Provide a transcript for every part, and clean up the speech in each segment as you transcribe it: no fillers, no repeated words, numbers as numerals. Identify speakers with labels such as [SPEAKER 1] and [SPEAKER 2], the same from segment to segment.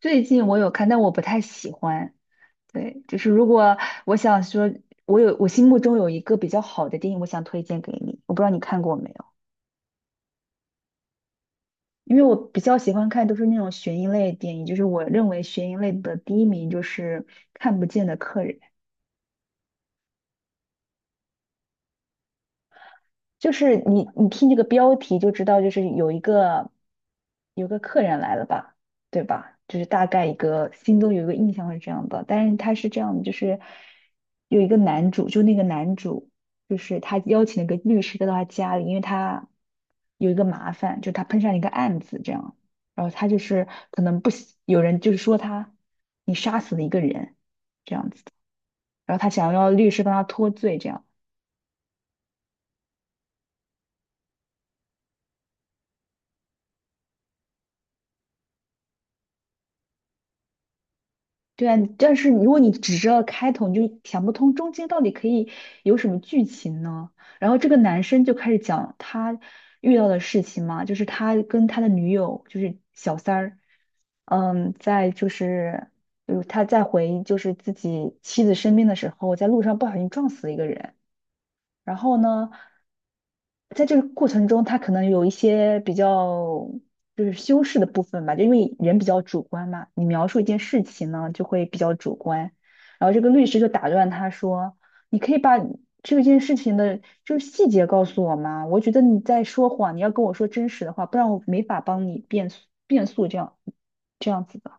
[SPEAKER 1] 最近我有看，但我不太喜欢。对，就是如果我想说，我有心目中有一个比较好的电影，我想推荐给你。我不知道你看过没有，因为我比较喜欢看都是那种悬疑类的电影，就是我认为悬疑类的第一名就是《看不见的客人》。就是你听这个标题就知道，就是有个客人来了吧，对吧？就是大概一个心中有一个印象是这样的，但是他是这样的，就是有一个男主，就那个男主，就是他邀请了一个律师到他家里，因为他有一个麻烦，就他碰上了一个案子这样，然后他就是可能不喜，有人就是说他你杀死了一个人，然后他想要律师帮他脱罪这样。对啊，但是如果你只知道开头，你就想不通中间到底可以有什么剧情呢？然后这个男生就开始讲他遇到的事情嘛，就是他跟他的女友，就是小三儿，嗯，在就是，他在就是自己妻子身边的时候，在路上不小心撞死了一个人，然后呢，在这个过程中，他可能有一些比较就是修饰的部分吧，就因为人比较主观嘛，你描述一件事情呢就会比较主观。然后这个律师就打断他说：“你可以把这件事情的就是细节告诉我吗？我觉得你在说谎，你要跟我说真实的话，不然我没法帮你辩诉这样这样子的。”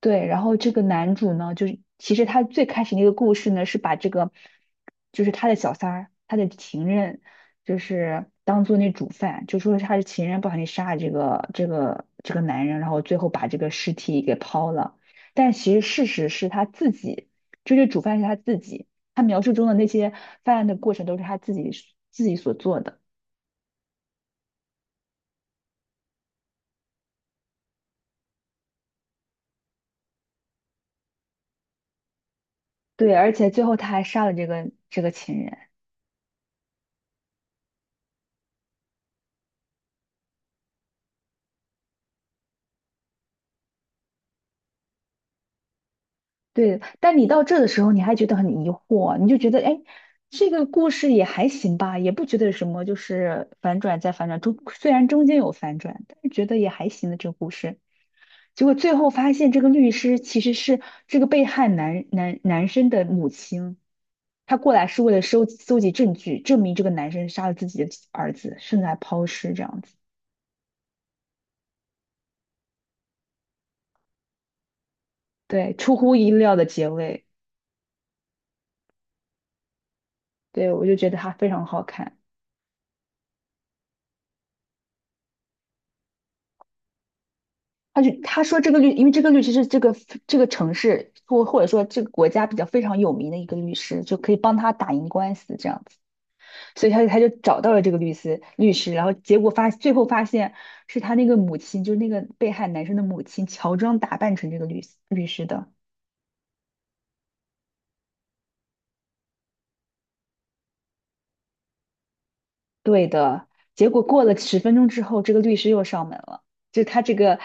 [SPEAKER 1] 对，然后这个男主呢，就是其实他最开始那个故事呢，是把就是他的小三儿，他的情人，就是当做那主犯，就说他的情人不小心杀了这个男人，然后最后把这个尸体给抛了。但其实事实是他自己，就是主犯是他自己，他描述中的那些犯案的过程都是他自己所做的。对，而且最后他还杀了这个情人。对，但你到这的时候，你还觉得很疑惑，你就觉得，哎，这个故事也还行吧，也不觉得有什么，就是反转再反转，虽然中间有反转，但是觉得也还行的这个故事。结果最后发现，这个律师其实是这个被害男生的母亲，他过来是为了搜集证据，证明这个男生杀了自己的儿子，甚至还抛尸这样子。对，出乎意料的结尾。对，我就觉得他非常好看。他说这个律，因为这个律师是这个城市或者说这个国家比较非常有名的一个律师，就可以帮他打赢官司这样子，所以他就找到了这个律师，然后结果发最后发现是他那个母亲，就是那个被害男生的母亲乔装打扮成这个律师的，对的。结果过了十分钟之后，这个律师又上门了，就他这个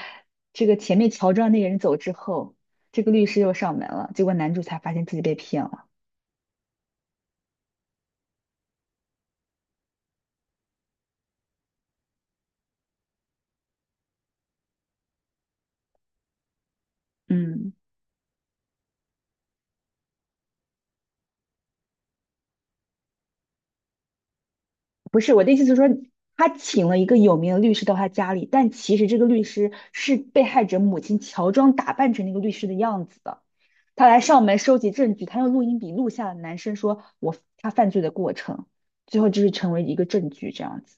[SPEAKER 1] 这个前面乔装那个人走之后，这个律师又上门了，结果男主才发现自己被骗了，嗯。不是，我的意思是说，他请了一个有名的律师到他家里，但其实这个律师是被害者母亲乔装打扮成那个律师的样子的。他来上门收集证据，他用录音笔录下了男生说他犯罪的过程，最后就是成为一个证据这样子，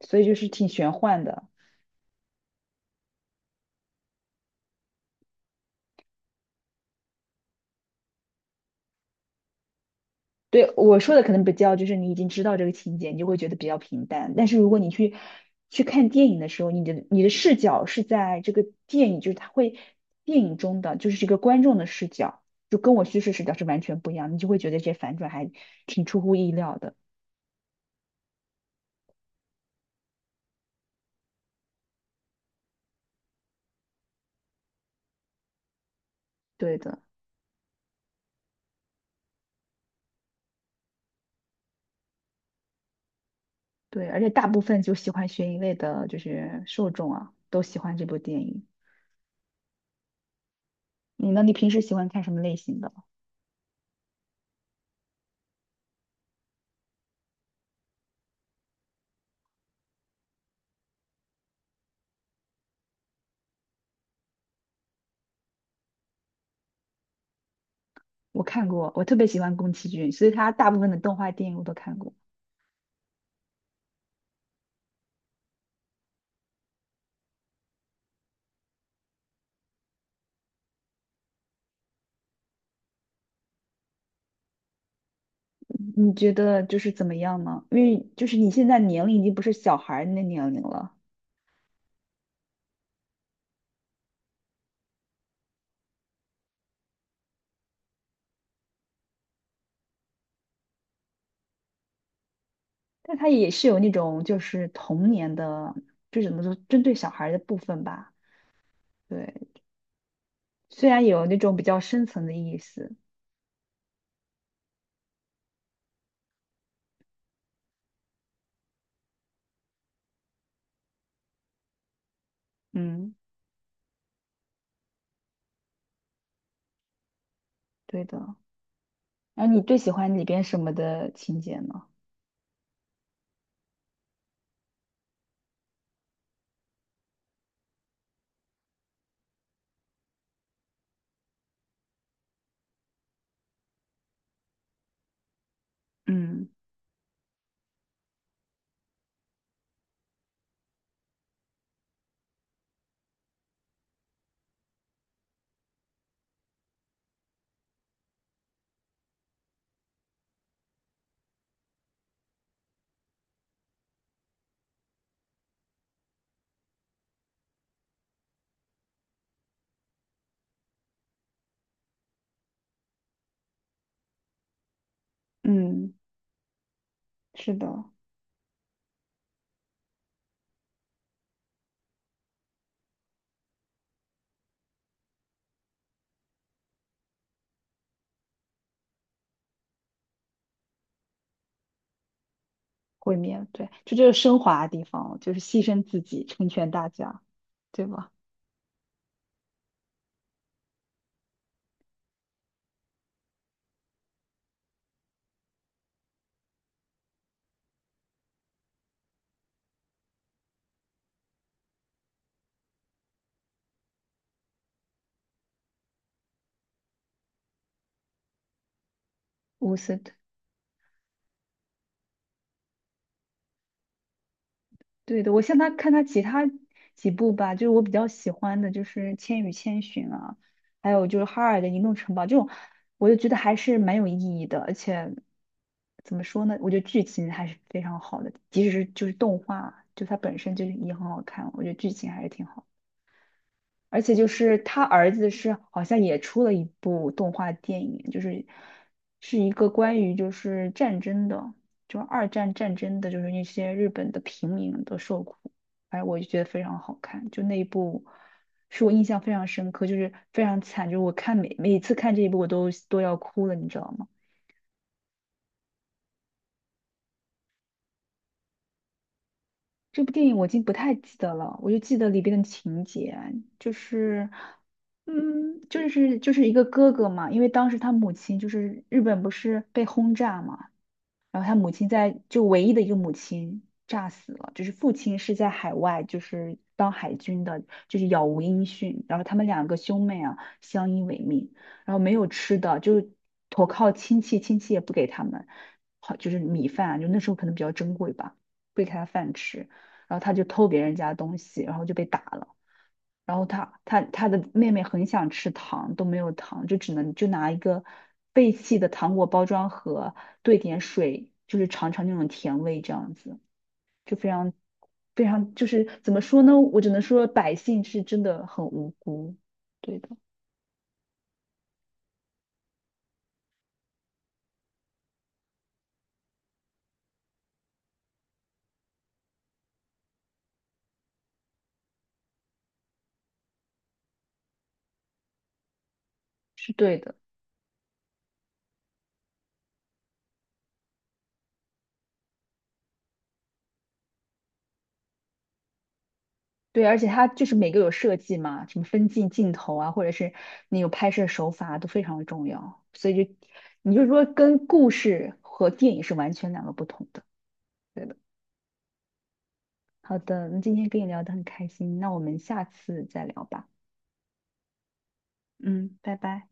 [SPEAKER 1] 所以就是挺玄幻的。对，我说的可能比较就是你已经知道这个情节，你就会觉得比较平淡。但是如果你去看电影的时候，你的视角是在这个电影，就是它会电影中的就是这个观众的视角，就跟我叙事视角是完全不一样的，你就会觉得这些反转还挺出乎意料的。对的。对，而且大部分就喜欢悬疑类的，就是受众啊，都喜欢这部电影。你呢？你平时喜欢看什么类型的？我看过，我特别喜欢宫崎骏，所以他大部分的动画电影我都看过。你觉得就是怎么样呢？因为就是你现在年龄已经不是小孩儿那年龄了，但他也是有那种就是童年的，就怎么说针对小孩儿的部分吧。对，虽然有那种比较深层的意思，嗯，对的。然后你最喜欢里边什么的情节呢？嗯。嗯，是的。毁灭，对，这就是升华的地方，就是牺牲自己，成全大家，对吧？无私。对的，我像他看他其他几部吧，就是我比较喜欢的，就是《千与千寻》啊，还有就是《哈尔的移动城堡》这种，我就觉得还是蛮有意义的，而且怎么说呢，我觉得剧情还是非常好的，即使是就是动画，就它本身就已经很好看了，我觉得剧情还是挺好。而且就是他儿子是好像也出了一部动画电影，就是是一个关于就是战争的，就二战战争的，就是那些日本的平民的受苦，哎，我就觉得非常好看，就那一部是我印象非常深刻，就是非常惨，就是我看每一次看这一部我都要哭了，你知道吗？这部电影我已经不太记得了，我就记得里边的情节，就是，嗯，就是一个哥哥嘛，因为当时他母亲日本不是被轰炸嘛，然后他母亲唯一的一个母亲炸死了，就是父亲是在海外，就是当海军的，就是杳无音讯。然后他们两个兄妹啊，相依为命，然后没有吃的，就投靠亲戚，亲戚也不给他们，好就是米饭啊就那时候可能比较珍贵吧，不给他饭吃。然后他就偷别人家东西，然后就被打了。然后他的妹妹很想吃糖，都没有糖，就只能就拿一个废弃的糖果包装盒兑点水，就是尝尝那种甜味，这样子就非常就是怎么说呢？我只能说百姓是真的很无辜，对的。是对的。对，而且它就是每个有设计嘛，什么分镜镜头啊，或者是你有拍摄手法都非常的重要，所以就你就说跟故事和电影是完全两个不同的，对的。好的，那今天跟你聊得很开心，那我们下次再聊吧。嗯，拜拜。